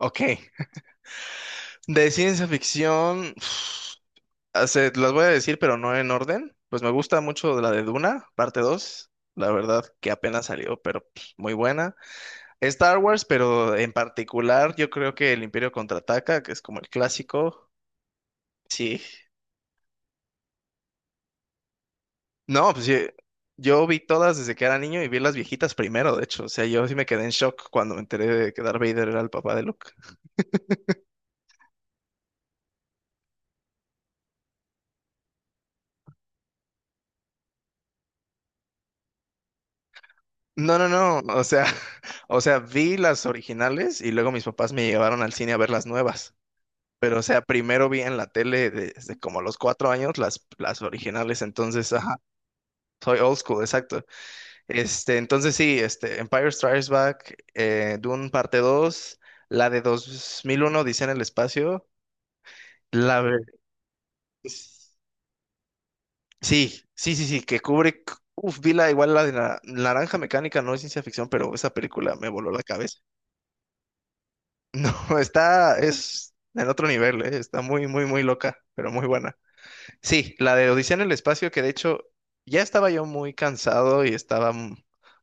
Ok. De ciencia ficción, uf, las voy a decir, pero no en orden. Pues me gusta mucho la de Duna, parte 2, la verdad que apenas salió, pero pues, muy buena. Star Wars, pero en particular, yo creo que El Imperio Contraataca, que es como el clásico. Sí. No, pues sí. Yo vi todas desde que era niño y vi las viejitas primero, de hecho. O sea, yo sí me quedé en shock cuando me enteré de que Darth Vader era el papá de Luke. No, no, no, o sea, o sea, vi las originales y luego mis papás me llevaron al cine a ver las nuevas. Pero, o sea, primero vi en la tele desde como los 4 años las originales, entonces, ajá, soy old school, exacto. Este, entonces sí, este, Empire Strikes Back, Dune parte 2, la de 2001, Dice en el espacio, la ver- sí, sí, sí, sí, que Kubrick, uf, vi la, igual la de la Naranja Mecánica, no es ciencia ficción, pero esa película me voló la cabeza. No, está, es en otro nivel, está muy, muy, muy loca, pero muy buena. Sí, la de Odisea en el espacio, que de hecho ya estaba yo muy cansado y estaba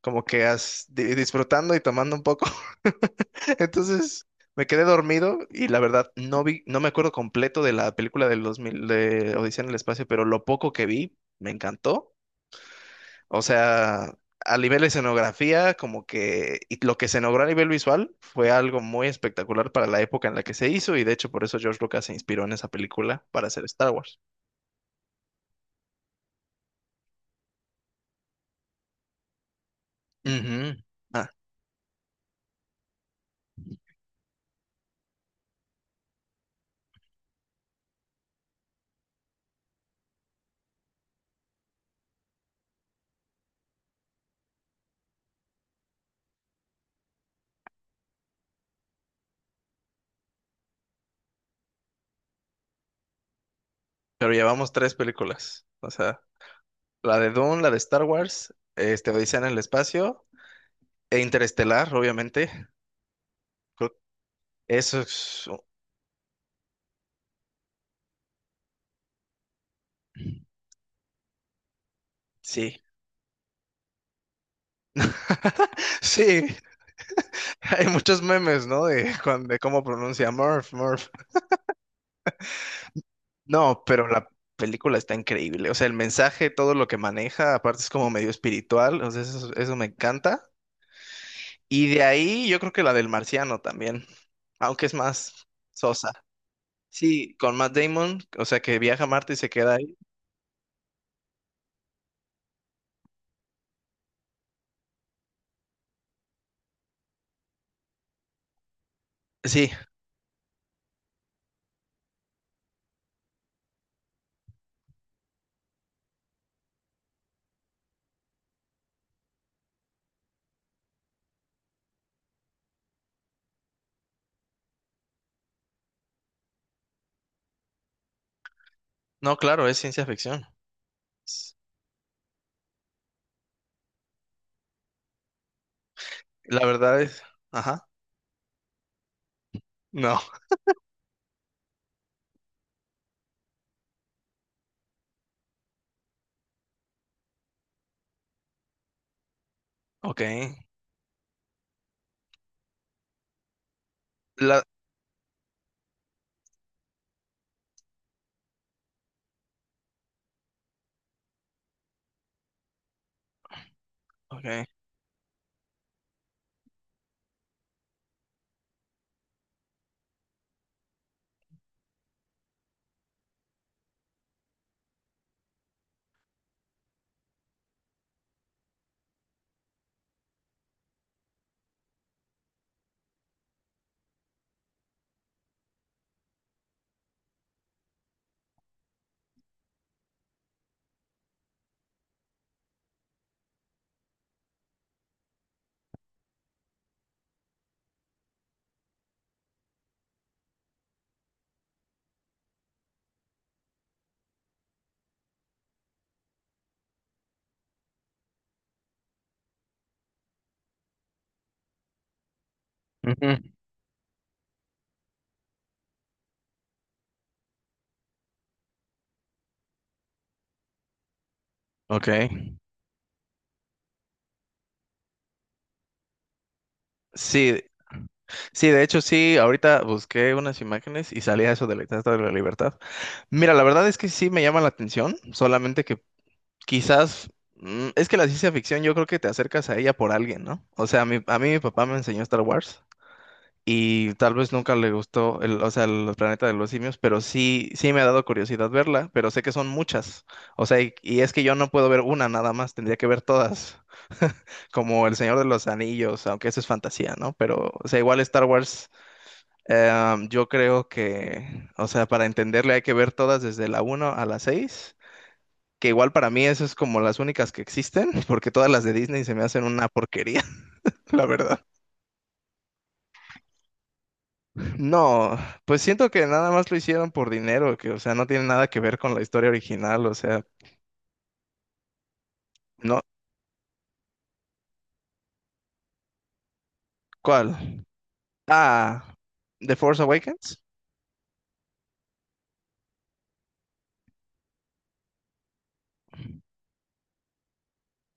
como que disfrutando y tomando un poco. Entonces me quedé dormido y la verdad no vi, no me acuerdo completo de la película del 2000 de Odisea en el espacio, pero lo poco que vi me encantó. O sea, a nivel de escenografía, como que y lo que se logró a nivel visual fue algo muy espectacular para la época en la que se hizo y de hecho por eso George Lucas se inspiró en esa película para hacer Star Wars. Ujú. Ah, pero llevamos tres películas. O sea, la de Dune, la de Star Wars, este, Odisea en el espacio e Interestelar, obviamente. Creo- Eso es... Sí, sí. Hay muchos memes, ¿no? De, de cómo pronuncia Murph, Murph. No, pero la película está increíble. O sea, el mensaje, todo lo que maneja, aparte es como medio espiritual. O sea, eso me encanta. Y de ahí yo creo que la del marciano también, aunque es más sosa. Sí, con Matt Damon, o sea, que viaja a Marte y se queda ahí. Sí, no, claro, es ciencia ficción. S- La verdad es, ajá, no, ok. La, ok. Ujú. Ok. Sí, sí, de hecho sí, ahorita busqué unas imágenes y salía eso de la Estatua de la Libertad. Mira, la verdad es que sí me llama la atención, solamente que quizás es que la ciencia ficción yo creo que te acercas a ella por alguien, ¿no? O sea, a mí mi papá me enseñó Star Wars y tal vez nunca le gustó el, o sea, el planeta de los simios, pero sí, sí me ha dado curiosidad verla, pero sé que son muchas. O sea, y es que yo no puedo ver una nada más, tendría que ver todas, como El Señor de los Anillos, aunque eso es fantasía, ¿no? Pero, o sea, igual Star Wars. Yo creo que, o sea, para entenderle hay que ver todas desde la uno a la 6 que igual para mí eso es como las únicas que existen, porque todas las de Disney se me hacen una porquería, la verdad. No, pues siento que nada más lo hicieron por dinero, que o sea, no tiene nada que ver con la historia original, o sea, no, ¿cuál? Ah, The Force Awakens.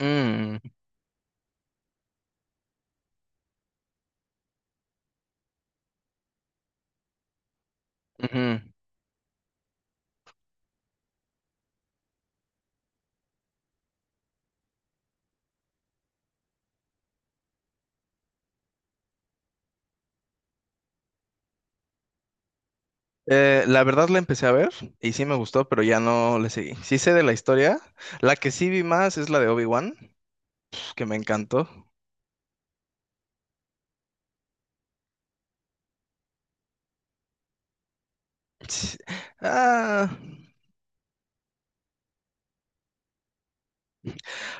Mm, ujú. La verdad la empecé a ver y sí me gustó, pero ya no le seguí. Sí sé de la historia. La que sí vi más es la de Obi-Wan, que me encantó. Ts- Ah,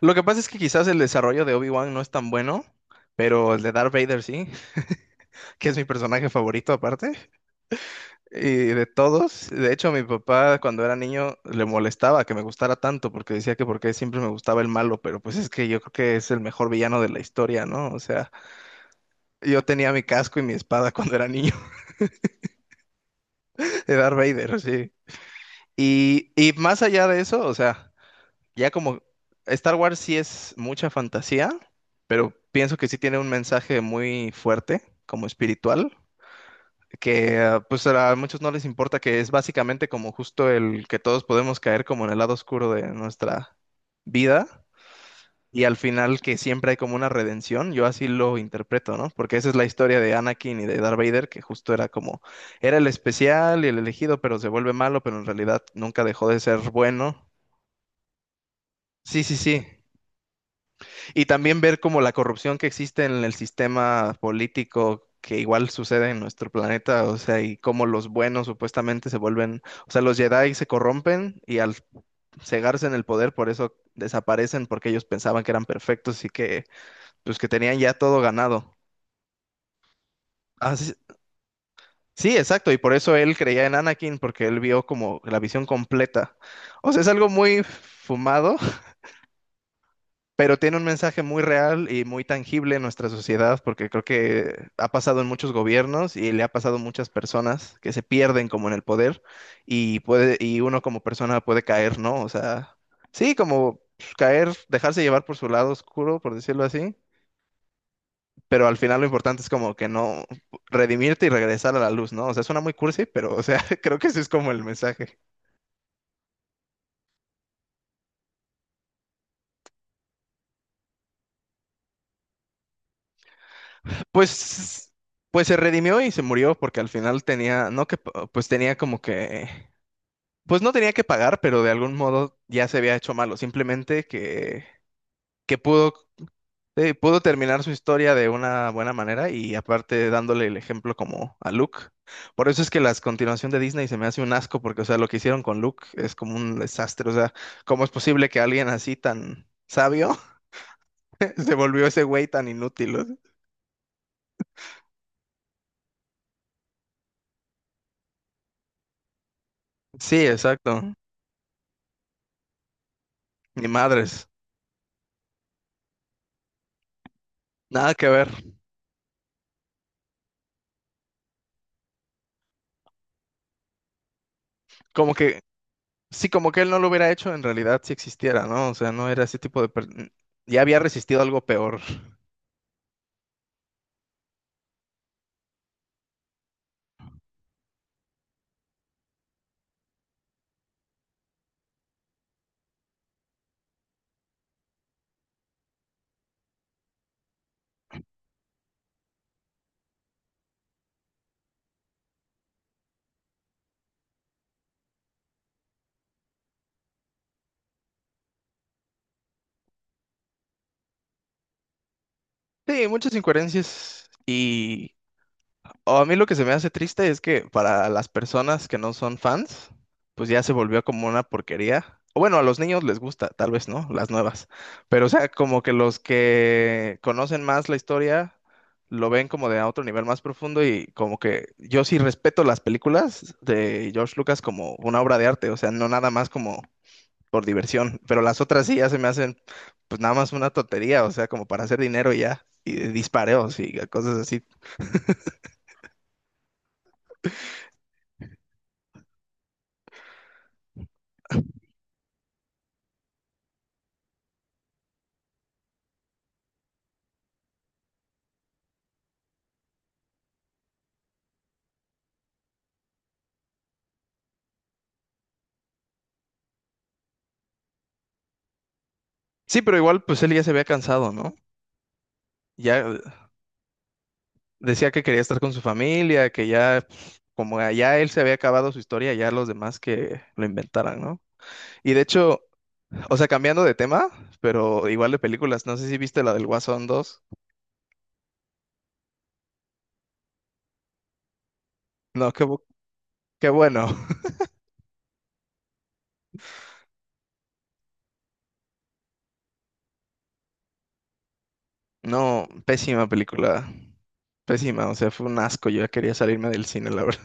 Lo que pasa es que quizás el desarrollo de Obi-Wan no es tan bueno, pero el de Darth Vader sí, que es mi personaje favorito aparte, y de todos. De hecho, mi papá cuando era niño le molestaba que me gustara tanto, porque decía que porque siempre me gustaba el malo, pero pues es que yo creo que es el mejor villano de la historia, ¿no? O sea, yo tenía mi casco y mi espada cuando era niño de Darth Vader, sí. Y más allá de eso, o sea... Ya como Star Wars sí es mucha fantasía, pero pienso que sí tiene un mensaje muy fuerte, como espiritual, que pues a muchos no les importa, que es básicamente como justo el que todos podemos caer como en el lado oscuro de nuestra vida y al final que siempre hay como una redención, yo así lo interpreto, ¿no? Porque esa es la historia de Anakin y de Darth Vader, que justo era como, era el especial y el elegido, pero se vuelve malo, pero en realidad nunca dejó de ser bueno. Sí, sí, sí. Y también ver como la corrupción que existe en el sistema político que igual sucede en nuestro planeta, o sea, y cómo los buenos supuestamente se vuelven, o sea, los Jedi se corrompen y al cegarse en el poder, por eso desaparecen, porque ellos pensaban que eran perfectos y que, pues, que tenían ya todo ganado. Ah, sí, sí, exacto, y por eso él creía en Anakin, porque él vio como la visión completa. O sea, es algo muy fumado, pero tiene un mensaje muy real y muy tangible en nuestra sociedad, porque creo que ha pasado en muchos gobiernos y le ha pasado a muchas personas que se pierden como en el poder y puede, y uno como persona puede caer, ¿no? O sea, sí, como pues, caer, dejarse llevar por su lado oscuro, por decirlo así, pero al final lo importante es como que no redimirte y regresar a la luz, ¿no? O sea, suena muy cursi, pero o sea, creo que ese es como el mensaje. Pues Pues se redimió y se murió porque al final tenía, no que, pues tenía como que pues no tenía que pagar, pero de algún modo ya se había hecho malo. Simplemente que pudo terminar su historia de una buena manera y aparte dándole el ejemplo como a Luke. Por eso es que las continuación de Disney se me hace un asco, porque, o sea, lo que hicieron con Luke es como un desastre. O sea, ¿cómo es posible que alguien así tan sabio se volvió ese güey tan inútil? O sea, sí, exacto. Ni madres. Nada que ver. Como que sí, como que él no lo hubiera hecho en realidad si existiera, ¿no? O sea, no era ese tipo de... ya había resistido algo peor. Sí, muchas incoherencias. Y o a mí lo que se me hace triste es que para las personas que no son fans, pues ya se volvió como una porquería. O bueno, a los niños les gusta, tal vez, ¿no? Las nuevas. Pero o sea, como que los que conocen más la historia lo ven como de a otro nivel más profundo y como que yo sí respeto las películas de George Lucas como una obra de arte, o sea, no nada más como por diversión, pero las otras sí ya se me hacen pues nada más una tontería, o sea, como para hacer dinero y ya, y de dispareos y cosas así. Sí, pero igual pues él ya se había cansado, ¿no? Ya decía que quería estar con su familia, que ya pues, como ya él se había acabado su historia, ya los demás que lo inventaran, ¿no? Y de hecho, o sea, cambiando de tema, pero igual de películas, no sé si viste la del Guasón dos. No, qué, qué bueno. No, pésima película. Pésima, o sea, fue un asco. Yo ya quería salirme del cine, la verdad.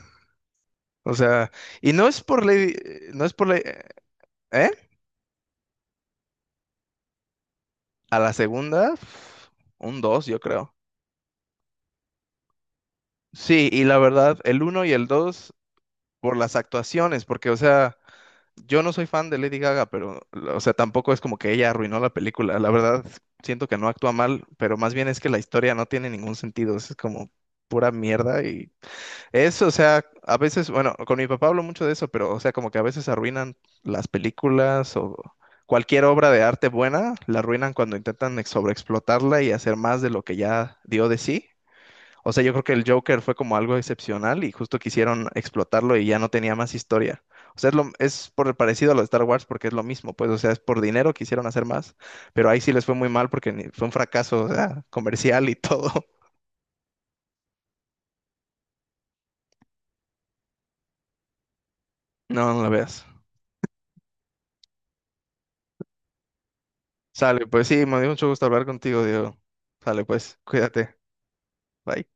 O sea, y no es por ley, no es por ley, ¿eh? A la segunda, un 2, yo creo. Sí, y la verdad, el uno y el 2 por las actuaciones, porque, o sea, yo no soy fan de Lady Gaga, pero, o sea, tampoco es como que ella arruinó la película. La verdad, siento que no actúa mal, pero más bien es que la historia no tiene ningún sentido. Es como pura mierda y eso, o sea, a veces, bueno, con mi papá hablo mucho de eso, pero, o sea, como que a veces arruinan las películas o cualquier obra de arte buena, la arruinan cuando intentan sobreexplotarla y hacer más de lo que ya dio de sí. O sea, yo creo que el Joker fue como algo excepcional y justo quisieron explotarlo y ya no tenía más historia. O sea, es, lo, es por el parecido a lo de Star Wars porque es lo mismo, pues, o sea, es por dinero quisieron hacer más, pero ahí sí les fue muy mal porque fue un fracaso, o sea, comercial y todo. No, no lo veas. Sale, pues sí, me dio mucho gusto hablar contigo, Diego. Sale, pues, cuídate. Bye.